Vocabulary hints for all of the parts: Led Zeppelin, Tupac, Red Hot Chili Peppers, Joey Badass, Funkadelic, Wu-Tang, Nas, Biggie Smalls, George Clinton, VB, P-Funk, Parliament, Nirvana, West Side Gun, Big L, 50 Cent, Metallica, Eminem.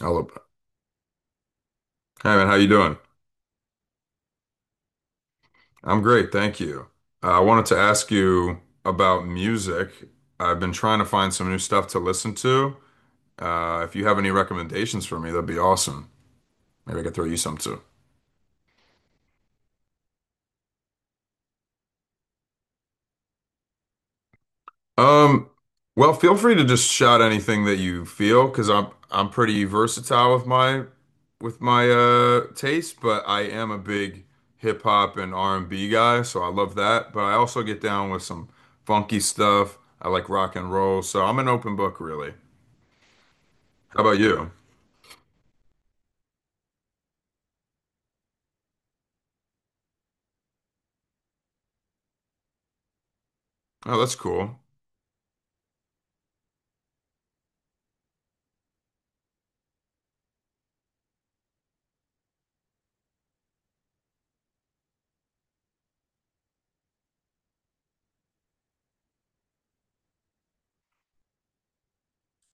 Hello. Hey man, how you doing? I'm great, thank you. I wanted to ask you about music. I've been trying to find some new stuff to listen to. If you have any recommendations for me, that'd be awesome. Maybe I could throw you some too. Um, well, feel free to just shout anything that you feel, because I'm pretty versatile with my taste, but I am a big hip hop and R&B guy, so I love that. But I also get down with some funky stuff. I like rock and roll, so I'm an open book, really. How about you? Oh, that's cool.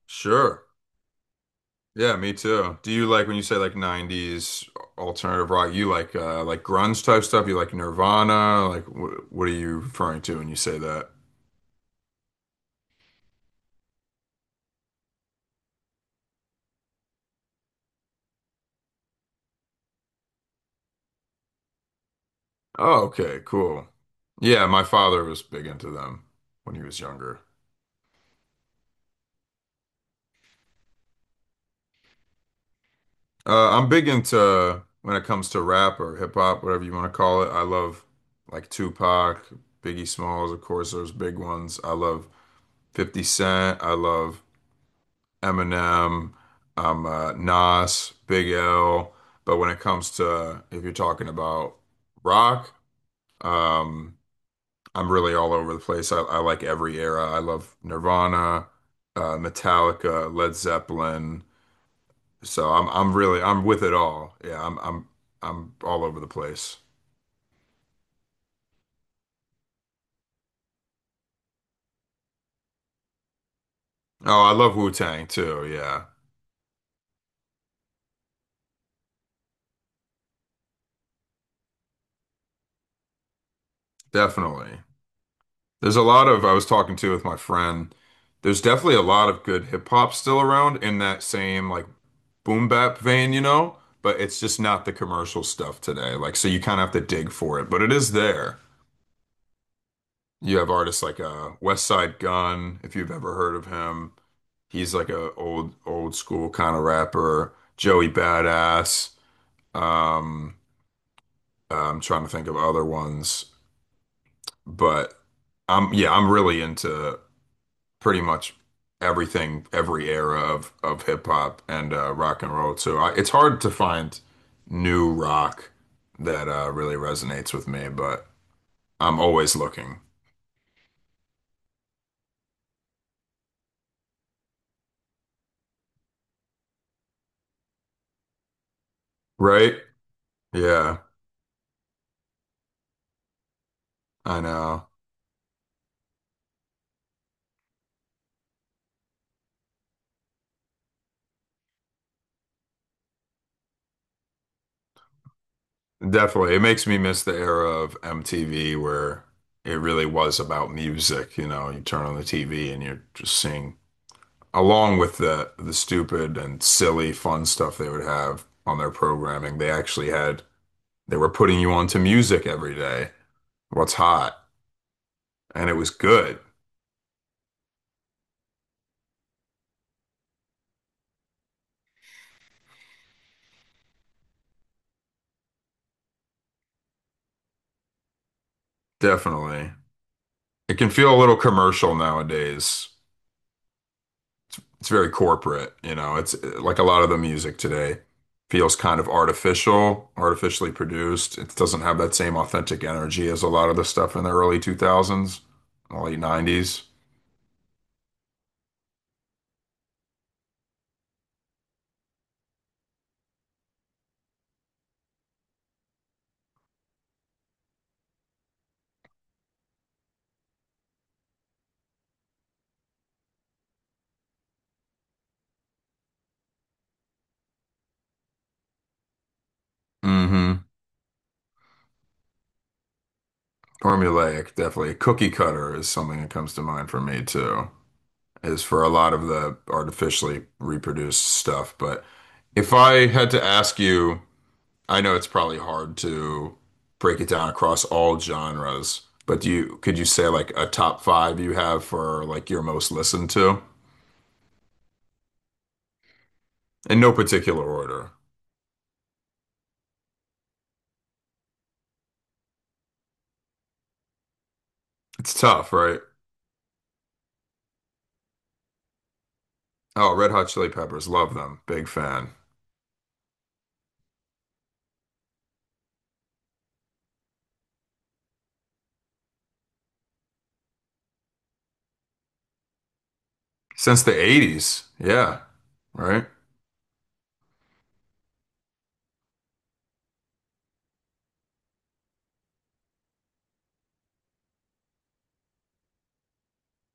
Sure. Yeah, me too. Do you like when you say like 90s alternative rock, you like grunge type stuff? You like Nirvana? Like what are you referring to when you say that? Oh, okay, cool. Yeah, my father was big into them when he was younger. I'm big into when it comes to rap or hip hop, whatever you want to call it. I love like Tupac, Biggie Smalls, of course, those big ones. I love 50 Cent. I love Eminem. I'm Nas, Big L. But when it comes to if you're talking about rock, um, I'm really all over the place. I like every era. I love Nirvana, Metallica, Led Zeppelin. So I'm really I'm with it all. Yeah, I'm I'm all over the place. Oh, I love Wu-Tang too. Yeah, definitely. There's a lot of I was talking to with my friend. There's definitely a lot of good hip hop still around in that same like boom bap vein, you know, but it's just not the commercial stuff today. Like so you kind of have to dig for it, but it is there. You have artists like West Side Gun, if you've ever heard of him. He's like a old old school kind of rapper. Joey Badass. Um, I'm trying to think of other ones, but I'm yeah, I'm really into pretty much everything, every era of hip hop and rock and roll too. It's hard to find new rock that really resonates with me, but I'm always looking. Right? Yeah, I know. Definitely. It makes me miss the era of MTV where it really was about music. You know, you turn on the TV and you're just seeing, along with the stupid and silly fun stuff they would have on their programming, they actually had they were putting you onto music every day, what's hot, and it was good. Definitely. It can feel a little commercial nowadays. It's very corporate, you know. It's like a lot of the music today feels kind of artificial, artificially produced. It doesn't have that same authentic energy as a lot of the stuff in the early 2000s, late 90s. Hmm. Formulaic, definitely. Cookie cutter is something that comes to mind for me too, is for a lot of the artificially reproduced stuff. But if I had to ask you, I know it's probably hard to break it down across all genres, but do you could you say like a top five you have for like your most listened to? In no particular order. It's tough, right? Oh, Red Hot Chili Peppers, love them. Big fan. Since the 80s. Yeah, right?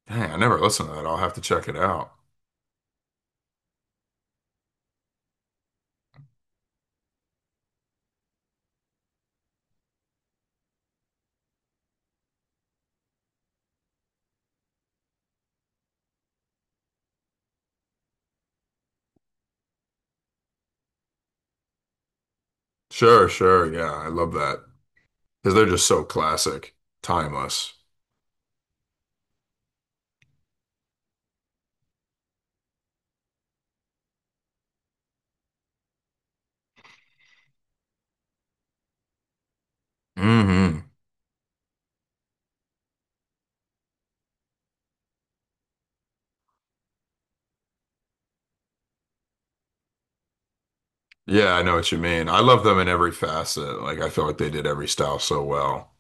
Dang, I never listened to that. I'll have to check it out. Sure, sure. Yeah, I love that. Because they're just so classic, timeless. Hmm. Yeah, I know what you mean. I love them in every facet. Like I feel like they did every style so well.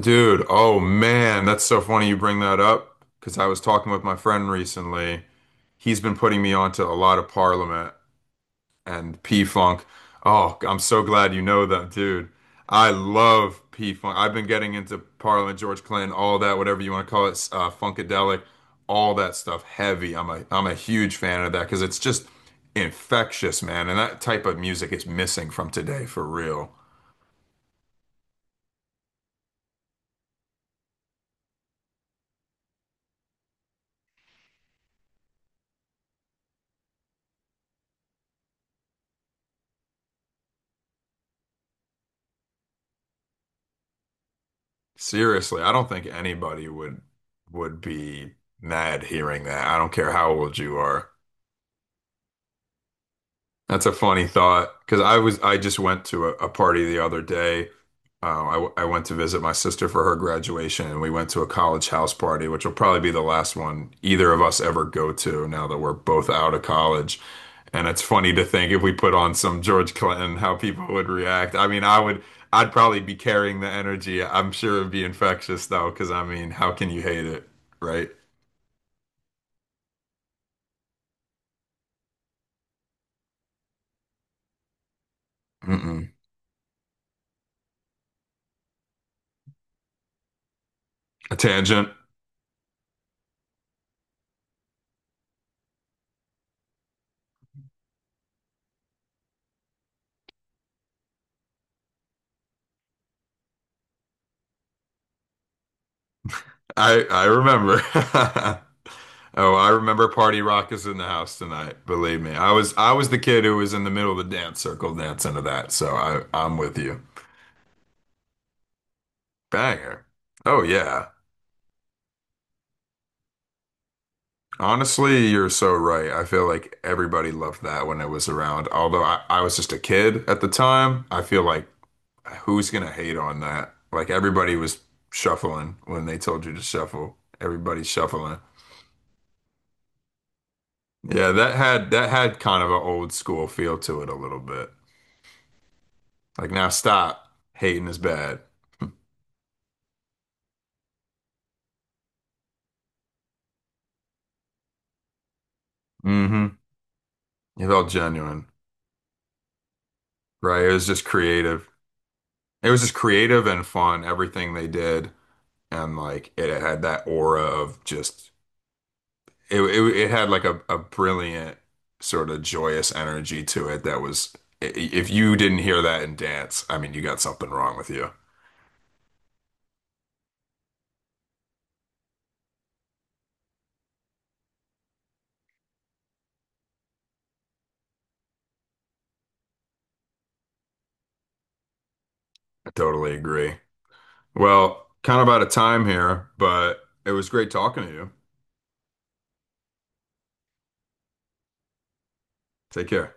Dude, oh man, that's so funny you bring that up because I was talking with my friend recently. He's been putting me onto a lot of Parliament and P-Funk. Oh, I'm so glad you know that, dude. I love P-Funk. I've been getting into Parliament, George Clinton, all that, whatever you want to call it, Funkadelic, all that stuff, heavy. I'm a huge fan of that because it's just infectious, man. And that type of music is missing from today for real. Seriously, I don't think anybody would be mad hearing that. I don't care how old you are. That's a funny thought because I just went to a party the other day. I went to visit my sister for her graduation, and we went to a college house party, which will probably be the last one either of us ever go to now that we're both out of college. And it's funny to think if we put on some George Clinton, how people would react. I mean, I'd probably be carrying the energy. I'm sure it'd be infectious though, because I mean, how can you hate it, right? Mm-mm. A tangent. I remember. Oh, I remember Party Rock is in the house tonight. Believe me, I was the kid who was in the middle of the dance circle dancing to that. So I'm with you. Banger. Oh yeah. Honestly, you're so right. I feel like everybody loved that when it was around. Although I was just a kid at the time, I feel like who's gonna hate on that? Like everybody was shuffling when they told you to shuffle. Everybody's shuffling. Yeah, that had kind of an old school feel to it a little bit. Like now stop. Hating is bad. Hmm. It felt genuine, right? It was just creative. It was just creative and fun, everything they did. And like it had that aura of just it had like a brilliant sort of joyous energy to it that was if you didn't hear that in dance, I mean you got something wrong with you. I totally agree. Well, kind of out of time here, but it was great talking to you. Take care.